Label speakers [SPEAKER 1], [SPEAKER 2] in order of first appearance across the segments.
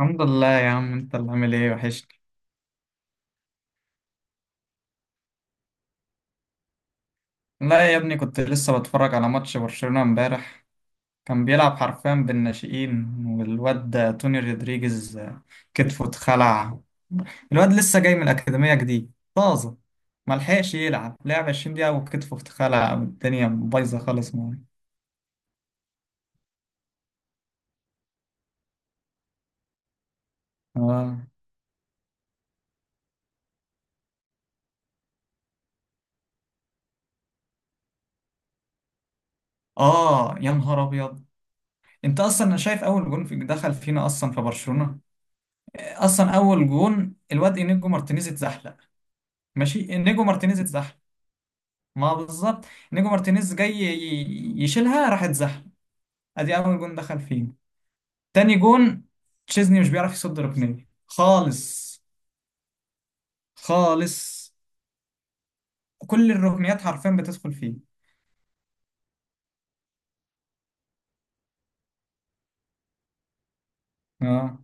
[SPEAKER 1] الحمد لله يا عم، انت اللي عامل ايه؟ وحشني. لا يا ابني، كنت لسه بتفرج على ماتش برشلونة امبارح. كان بيلعب حرفيا بالناشئين، والواد ده توني رودريجيز كتفه اتخلع. الواد لسه جاي من الأكاديمية جديد طازة، ملحقش يلعب. لعب 20 دقيقة وكتفه اتخلع والدنيا بايظة خالص معاه. اه. اه يا نهار أبيض، انت اصلا شايف اول جون في دخل فينا اصلا في برشلونة؟ اصلا اول جون الواد انيجو مارتينيز اتزحلق. ماشي، انيجو مارتينيز اتزحلق. ما بالظبط، نيجو مارتينيز جاي يشيلها راح اتزحلق، ادي اول جون دخل فيه. تاني جون، تشيزني مش بيعرف يصد ركنيه خالص. خالص، كل الركنيات حرفيا بتدخل فيه. اه.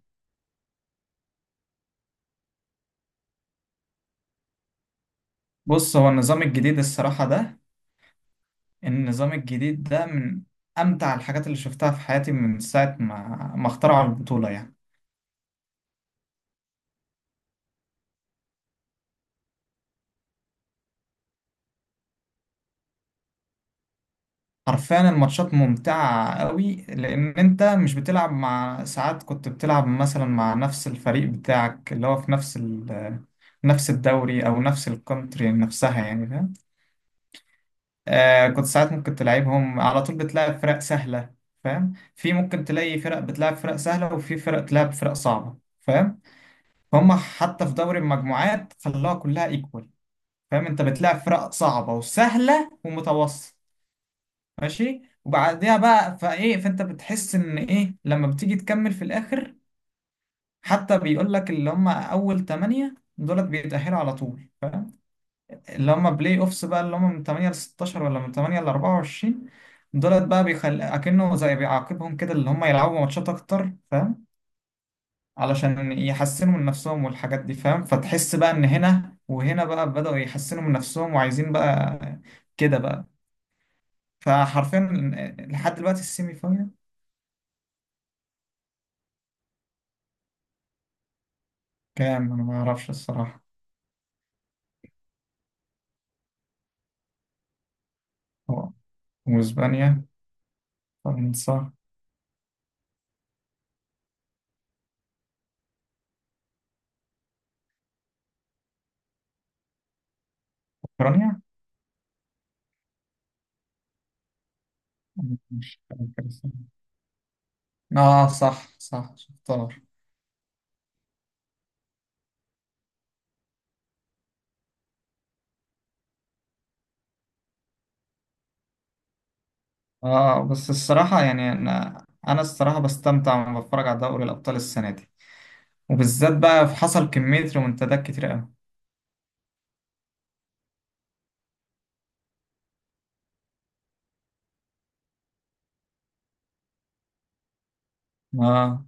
[SPEAKER 1] بص، هو النظام الجديد الصراحة ده، النظام الجديد ده من امتع الحاجات اللي شفتها في حياتي من ساعة ما اخترعوا البطولة يعني. حرفيا الماتشات ممتعة قوي، لأن أنت مش بتلعب مع ساعات كنت بتلعب مثلا مع نفس الفريق بتاعك اللي هو في نفس الدوري أو نفس الكونتري نفسها، يعني فاهم. آه، كنت ساعات ممكن تلعبهم على طول بتلعب فرق سهلة. فاهم، في ممكن تلاقي فرق بتلعب فرق سهلة وفي فرق تلعب فرق صعبة فاهم. فهم، حتى في دوري المجموعات خلاها كلها ايكوال. فاهم، أنت بتلعب فرق صعبة وسهلة ومتوسط. ماشي، وبعديها بقى فايه، فانت بتحس ان ايه لما بتيجي تكمل في الاخر. حتى بيقول لك اللي هم اول 8 دولت بيتأهلوا على طول، اللي هم بلاي اوفس بقى اللي هم من 8 ل 16 ولا من 8 ل 24 دولت بقى، بيخل اكنه زي بيعاقبهم كده، اللي هم يلعبوا ماتشات اكتر فاهم، علشان يحسنوا من نفسهم والحاجات دي. فاهم، فتحس بقى ان هنا وهنا بقى بدأوا يحسنوا من نفسهم وعايزين بقى كده بقى. فحرفيا لحد دلوقتي السيمي. كام؟ أنا ما أعرفش الصراحة. هو، وإسبانيا، فرنسا، أوكرانيا. مش فاكر الصراحة. آه صح صح، شفت دولار. آه، بس الصراحة يعني أنا الصراحة بستمتع وأنا بتفرج على دوري الأبطال السنة دي، وبالذات بقى في حصل كمية ريمونتادات كتير أوي. ما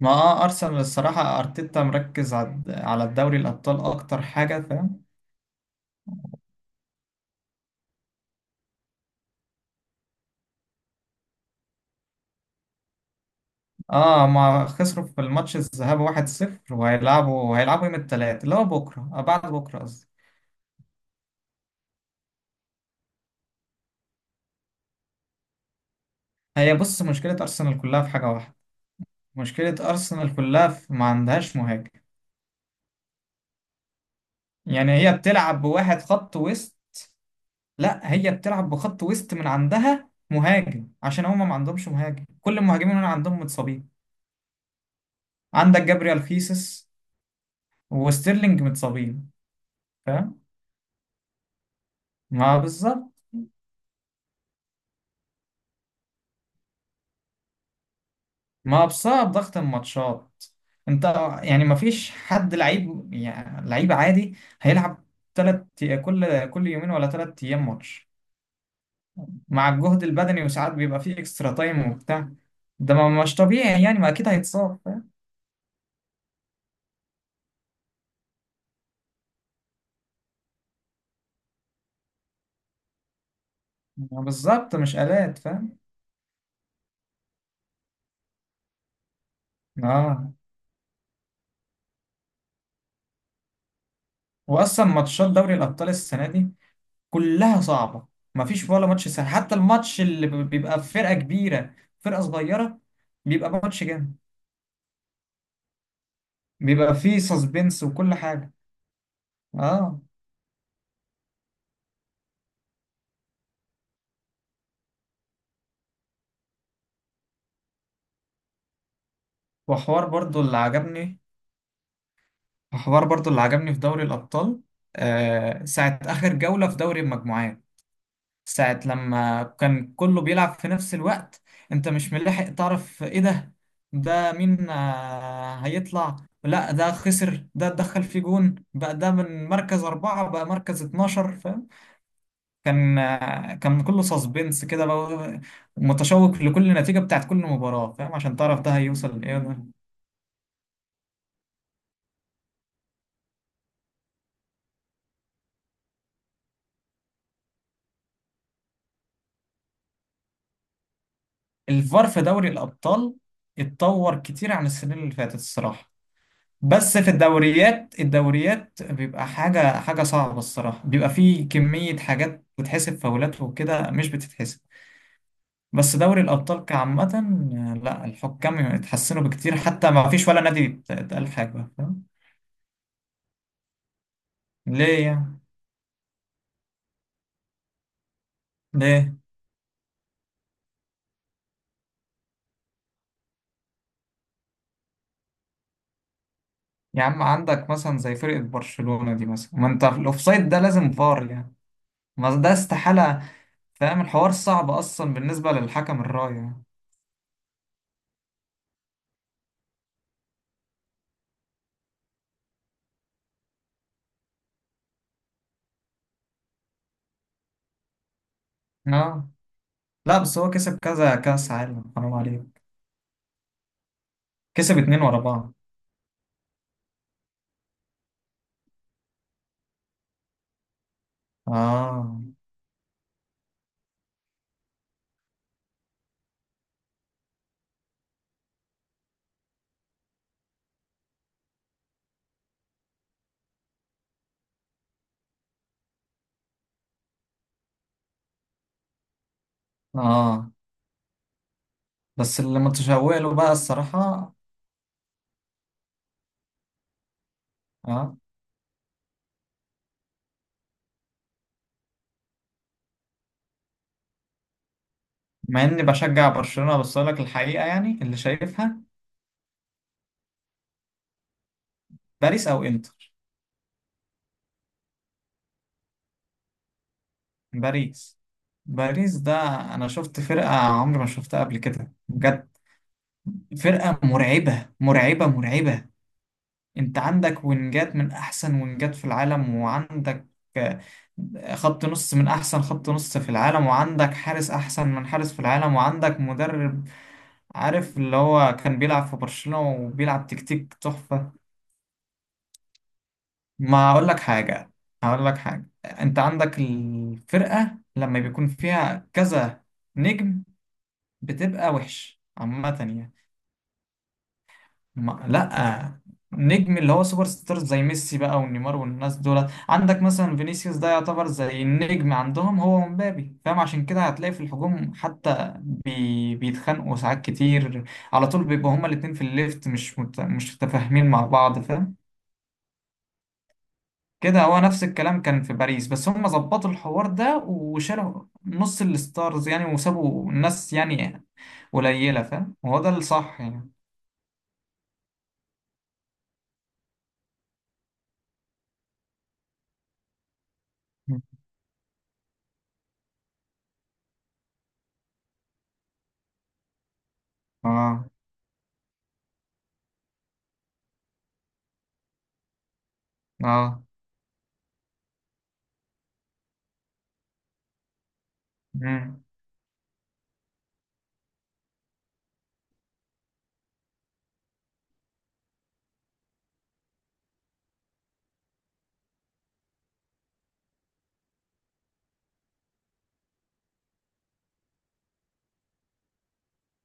[SPEAKER 1] ما آه، أرسنال الصراحة أرتيتا مركز على الدوري الأبطال أكتر حاجة فاهم. اه، ما خسروا في الماتش الذهاب 1-0، وهيلعبوا يوم الثلاث اللي هو بكرة، آه بعد بكرة قصدي. هي بص، مشكلة أرسنال كلها في حاجة واحدة. مشكلة أرسنال كلها في ما عندهاش مهاجم، يعني هي بتلعب بواحد خط وسط. لا، هي بتلعب بخط وسط من عندها مهاجم عشان هما ما عندهمش مهاجم. كل المهاجمين اللي عندهم متصابين. عندك جابريال خيسوس وستيرلينج متصابين فاهم، ما بالظبط. ما بسبب ضغط الماتشات انت، يعني ما فيش حد لعيب يعني، لعيب عادي هيلعب تلات، كل يومين ولا تلات أيام ماتش، مع الجهد البدني وساعات بيبقى فيه اكسترا تايم وبتاع. ده ما مش طبيعي يعني، ما اكيد هيتصاب فاهم، ما بالظبط، مش آلات فاهم. اه، واصلا ماتشات دوري الابطال السنه دي كلها صعبه. ما فيش ولا ماتش سهل، حتى الماتش اللي بيبقى في فرقه كبيره فرقه صغيره بيبقى ماتش جامد، بيبقى فيه سسبنس وكل حاجه. اه. وحوار برضو اللي عجبني، حوار برضو اللي عجبني في دوري الابطال، آه ساعه اخر جوله في دوري المجموعات، ساعة لما كان كله بيلعب في نفس الوقت. انت مش ملاحق تعرف، ايه ده، ده مين، آه، هيطلع، لا ده خسر، ده اتدخل في جون بقى، ده من مركز أربعة بقى مركز 12 فاهم. كان آه، كان كله سسبنس كده بقى. متشوق لكل نتيجة بتاعت كل مباراة فاهم، عشان تعرف ده هيوصل لإيه ده. الفار في دوري الأبطال اتطور كتير عن السنين اللي فاتت الصراحة. بس في الدوريات بيبقى حاجة صعبة الصراحة، بيبقى فيه كمية حاجات بتتحسب فاولات وكده مش بتتحسب. بس دوري الأبطال كعامة آه، لا الحكام اتحسنوا بكتير، حتى ما فيش ولا نادي اتقال حاجة فاهم. ليه يعني؟ ليه؟ يا عم عندك مثلا زي فرقة برشلونة دي، مثلا ما انت في الأوفسايد ده لازم فار يعني، ما ده استحالة. فاهم الحوار صعب أصلا بالنسبة للحكم الراية يعني. اه. لا بس هو كسب كذا كأس عالم حرام عليك، كسب اتنين ورا بعض. اه. اه، بس اللي متشوق له بقى الصراحة. اه، مع اني بشجع برشلونة بس اقول لك الحقيقة يعني اللي شايفها، باريس او انتر. باريس باريس ده انا شفت فرقة عمري ما شفتها قبل كده بجد، فرقة مرعبة مرعبة مرعبة. انت عندك وينجات من احسن وينجات في العالم، وعندك آه، خط نص من احسن خط نص في العالم، وعندك حارس احسن من حارس في العالم، وعندك مدرب، عارف اللي هو كان بيلعب في برشلونة وبيلعب تكتيك تحفة. ما اقول لك حاجة، هقول لك حاجة، انت عندك الفرقة لما بيكون فيها كذا نجم بتبقى وحش عامة يعني. ما لا، نجم اللي هو سوبر ستارز زي ميسي بقى ونيمار والناس دولت، عندك مثلا فينيسيوس ده يعتبر زي النجم عندهم هو ومبابي، فاهم، عشان كده هتلاقي في الهجوم حتى بي بيتخانقوا ساعات كتير، على طول بيبقوا هما الاتنين في الليفت مش مش متفاهمين مع بعض فاهم. كده هو نفس الكلام كان في باريس، بس هما ظبطوا الحوار ده وشالوا نص الستارز يعني، وسابوا الناس يعني قليلة فاهم، وهو ده الصح يعني. اه. اه.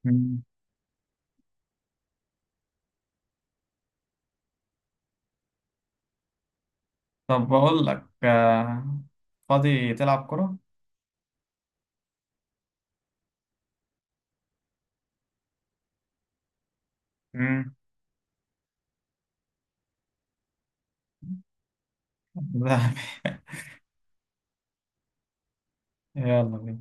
[SPEAKER 1] مم. طب بقول لك آه، فاضي تلعب كرة؟ امم. لا. يلا بينا.